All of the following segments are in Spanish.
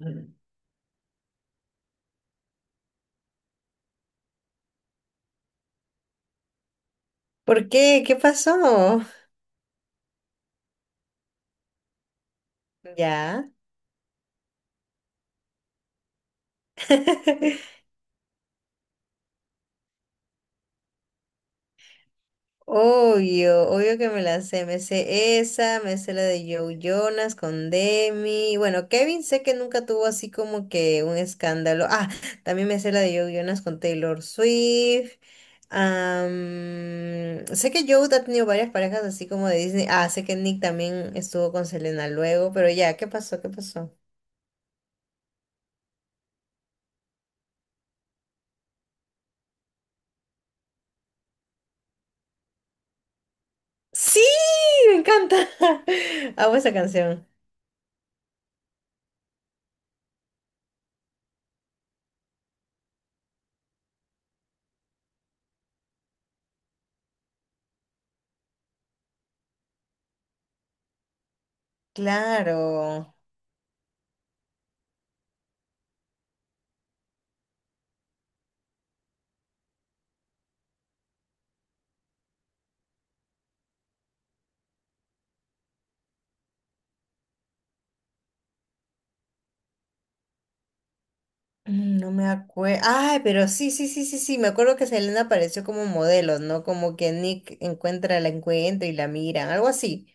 Mm. ¿Por qué? ¿Qué pasó? Ya. Obvio, obvio que me la sé. Me sé esa, me sé la de Joe Jonas con Demi. Bueno, Kevin sé que nunca tuvo así como que un escándalo. También me sé la de Joe Jonas con Taylor Swift. Sé que Joe ha tenido varias parejas así como de Disney. Sé que Nick también estuvo con Selena luego, pero ya, ¿qué pasó? ¿Qué pasó? Sí, me encanta. Amo esa canción. Claro, mm, no me acuerdo. Ay, pero sí, sí, sí, sí, sí, me acuerdo que Selena apareció como modelo, ¿no? Como que Nick encuentra, la encuentra y la miran, algo así.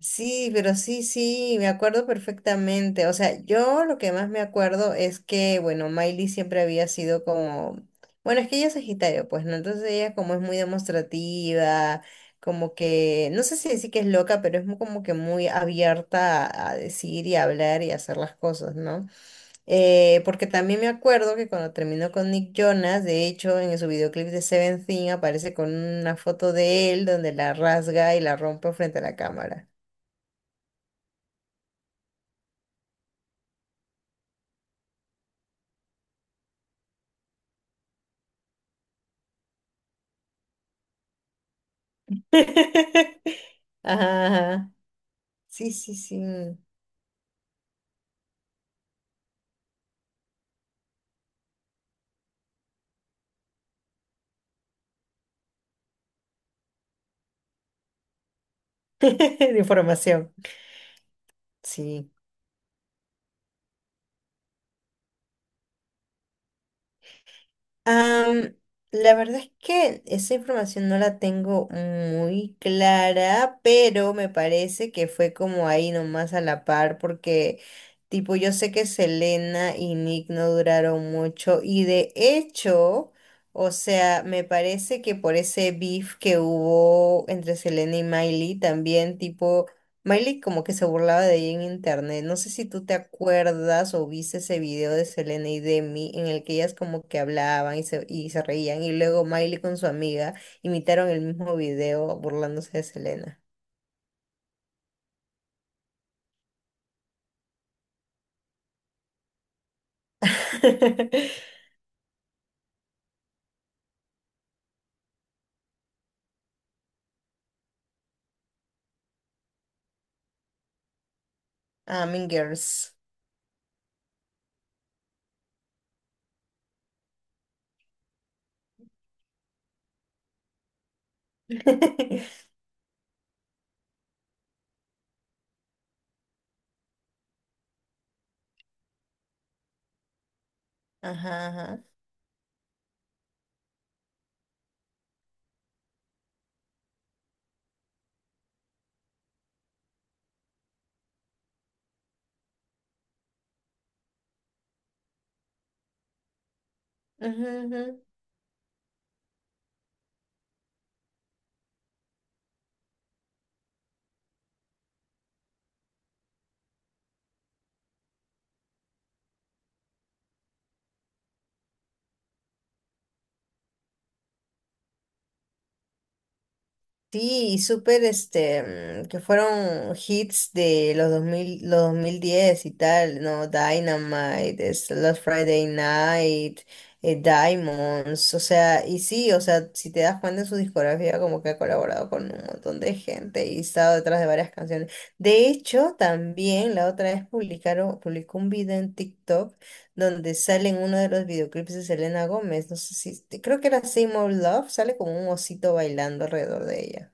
Sí, pero sí, sí, me acuerdo perfectamente. O sea, yo lo que más me acuerdo es que, bueno, Miley siempre había sido como, bueno, es que ella es Sagitario, pues, ¿no? Entonces ella como es muy demostrativa, como que, no sé si decir que es loca, pero es mu- como que muy abierta a decir y a hablar y a hacer las cosas, ¿no? Porque también me acuerdo que cuando terminó con Nick Jonas, de hecho, en su videoclip de Seventeen aparece con una foto de él donde la rasga y la rompe frente a la cámara. Ajá, ajá. Sí, sí, sí. De información. Sí. Am, la verdad es que esa información no la tengo muy clara, pero me parece que fue como ahí nomás a la par, porque tipo yo sé que Selena y Nick no duraron mucho y de hecho, o sea, me parece que por ese beef que hubo entre Selena y Miley también, tipo... Miley como que se burlaba de ella en internet. No sé si tú te acuerdas o viste ese video de Selena y Demi en el que ellas como que hablaban y se reían y luego Miley con su amiga imitaron el mismo video burlándose de Selena. Ah, Mean Girls. Ajá, ajá. Ujú, ujú. Sí, y súper, este, mm, que fueron hits de los dos mil los 2010 y tal, ¿no? Dynamite, es Last Friday Night, Diamonds, o sea, y sí, o sea, si te das cuenta en su discografía, como que ha colaborado con un montón de gente y estado detrás de varias canciones. De hecho, también la otra vez publicaron, publicó un video en TikTok donde sale en uno de los videoclips de Selena Gómez, no sé si, creo que era Same Old Love, sale como un osito bailando alrededor de ella.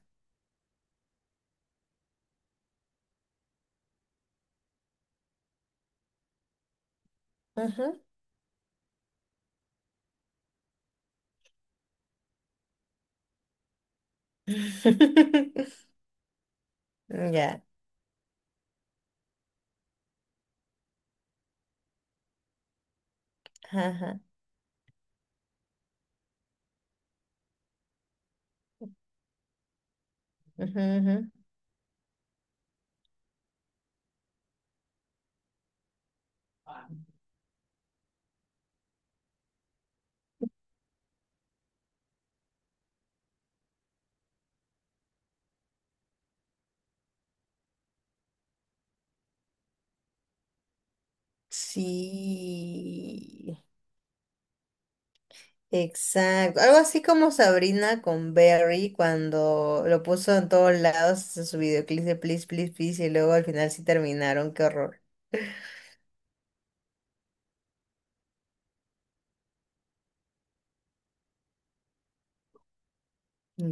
Ajá. Ya. Ajá. Ujú, ujú. Sí. Exacto. Algo así como Sabrina con Berry cuando lo puso en todos lados en su videoclip de Please, Please, Please y luego al final sí terminaron. Qué horror.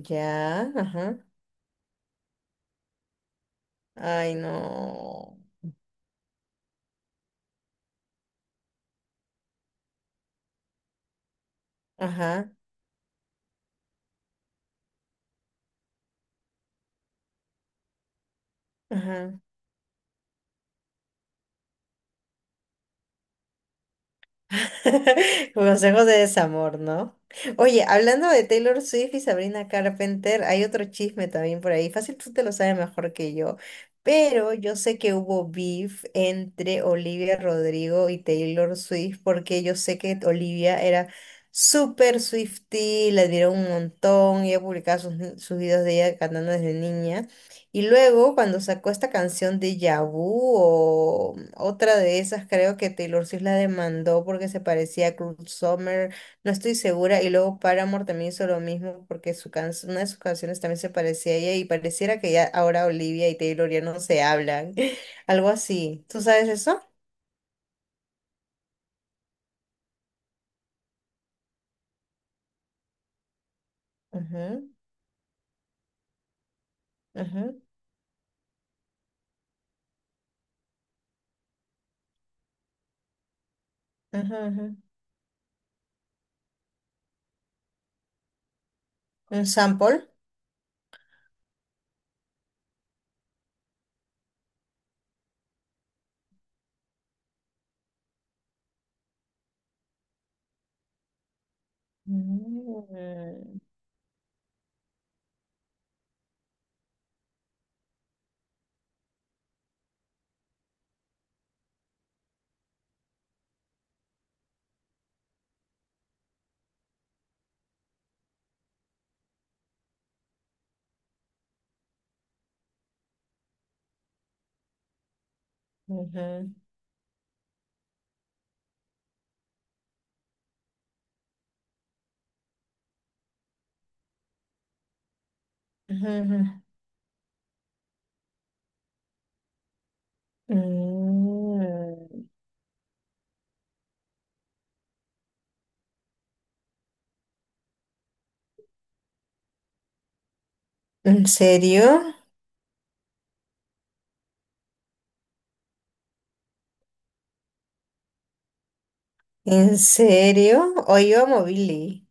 Ya. Ajá. Ay, no. Ajá. Ajá. Consejos de desamor, ¿no? Oye, hablando de Taylor Swift y Sabrina Carpenter, hay otro chisme también por ahí. Fácil, tú te lo sabes mejor que yo. Pero yo sé que hubo beef entre Olivia Rodrigo y Taylor Swift porque yo sé que Olivia era súper Swiftie, la admiró un montón, ella publicaba sus, sus videos de ella cantando desde niña. Y luego, cuando sacó esta canción de Yabu o otra de esas, creo que Taylor Swift la demandó porque se parecía a Cruel Summer, no estoy segura. Y luego Paramore también hizo lo mismo porque su can- una de sus canciones también se parecía a ella y pareciera que ya ahora Olivia y Taylor ya no se hablan. Algo así. ¿Tú sabes eso? Ujú, ujú, ujú, ujú. ¿Un sample? Mm, ujú, ujú, ujú. Mm. ¿En serio? ¿En serio? Hoy amo a Billy,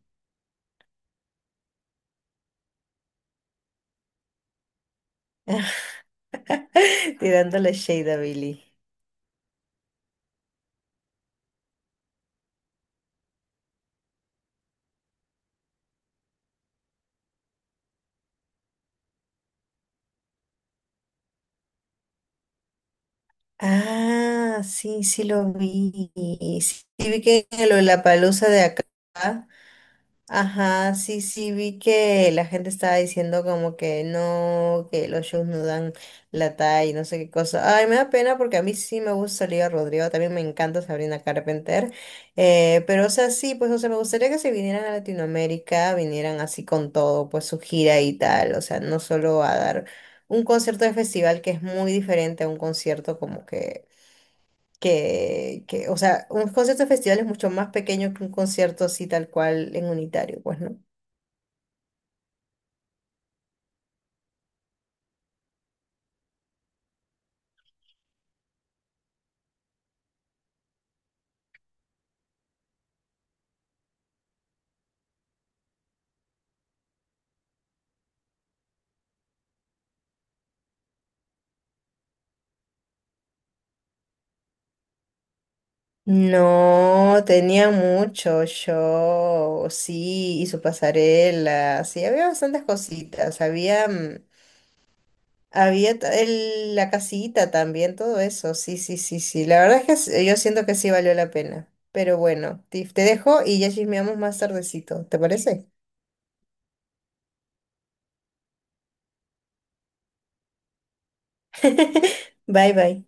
tirándole shade a Billy. Ah, sí, sí lo vi. Sí, sí vi que en el Lollapalooza de acá. Ajá, sí, sí, vi que la gente estaba diciendo como que no, que los shows no dan la talla y no sé qué cosa. Ay, me da pena porque a mí sí me gusta Olivia Rodrigo, también me encanta Sabrina Carpenter. Pero, o sea, sí, pues, o sea, me gustaría que se vinieran a Latinoamérica, vinieran así con todo, pues su gira y tal. O sea, no solo a dar un concierto de festival que es muy diferente a un concierto como que o sea, un concierto de festival es mucho más pequeño que un concierto así tal cual en unitario, pues, ¿no? No, tenía mucho show, sí, y su pasarela, sí, había bastantes cositas, había, mm, había ta- el- la casita también, todo eso, sí, sí, sí, sí, la verdad es que s- yo siento que sí valió la pena, pero bueno, Tiff, te dejo y ya chismeamos más tardecito, ¿te parece? Bye, bye.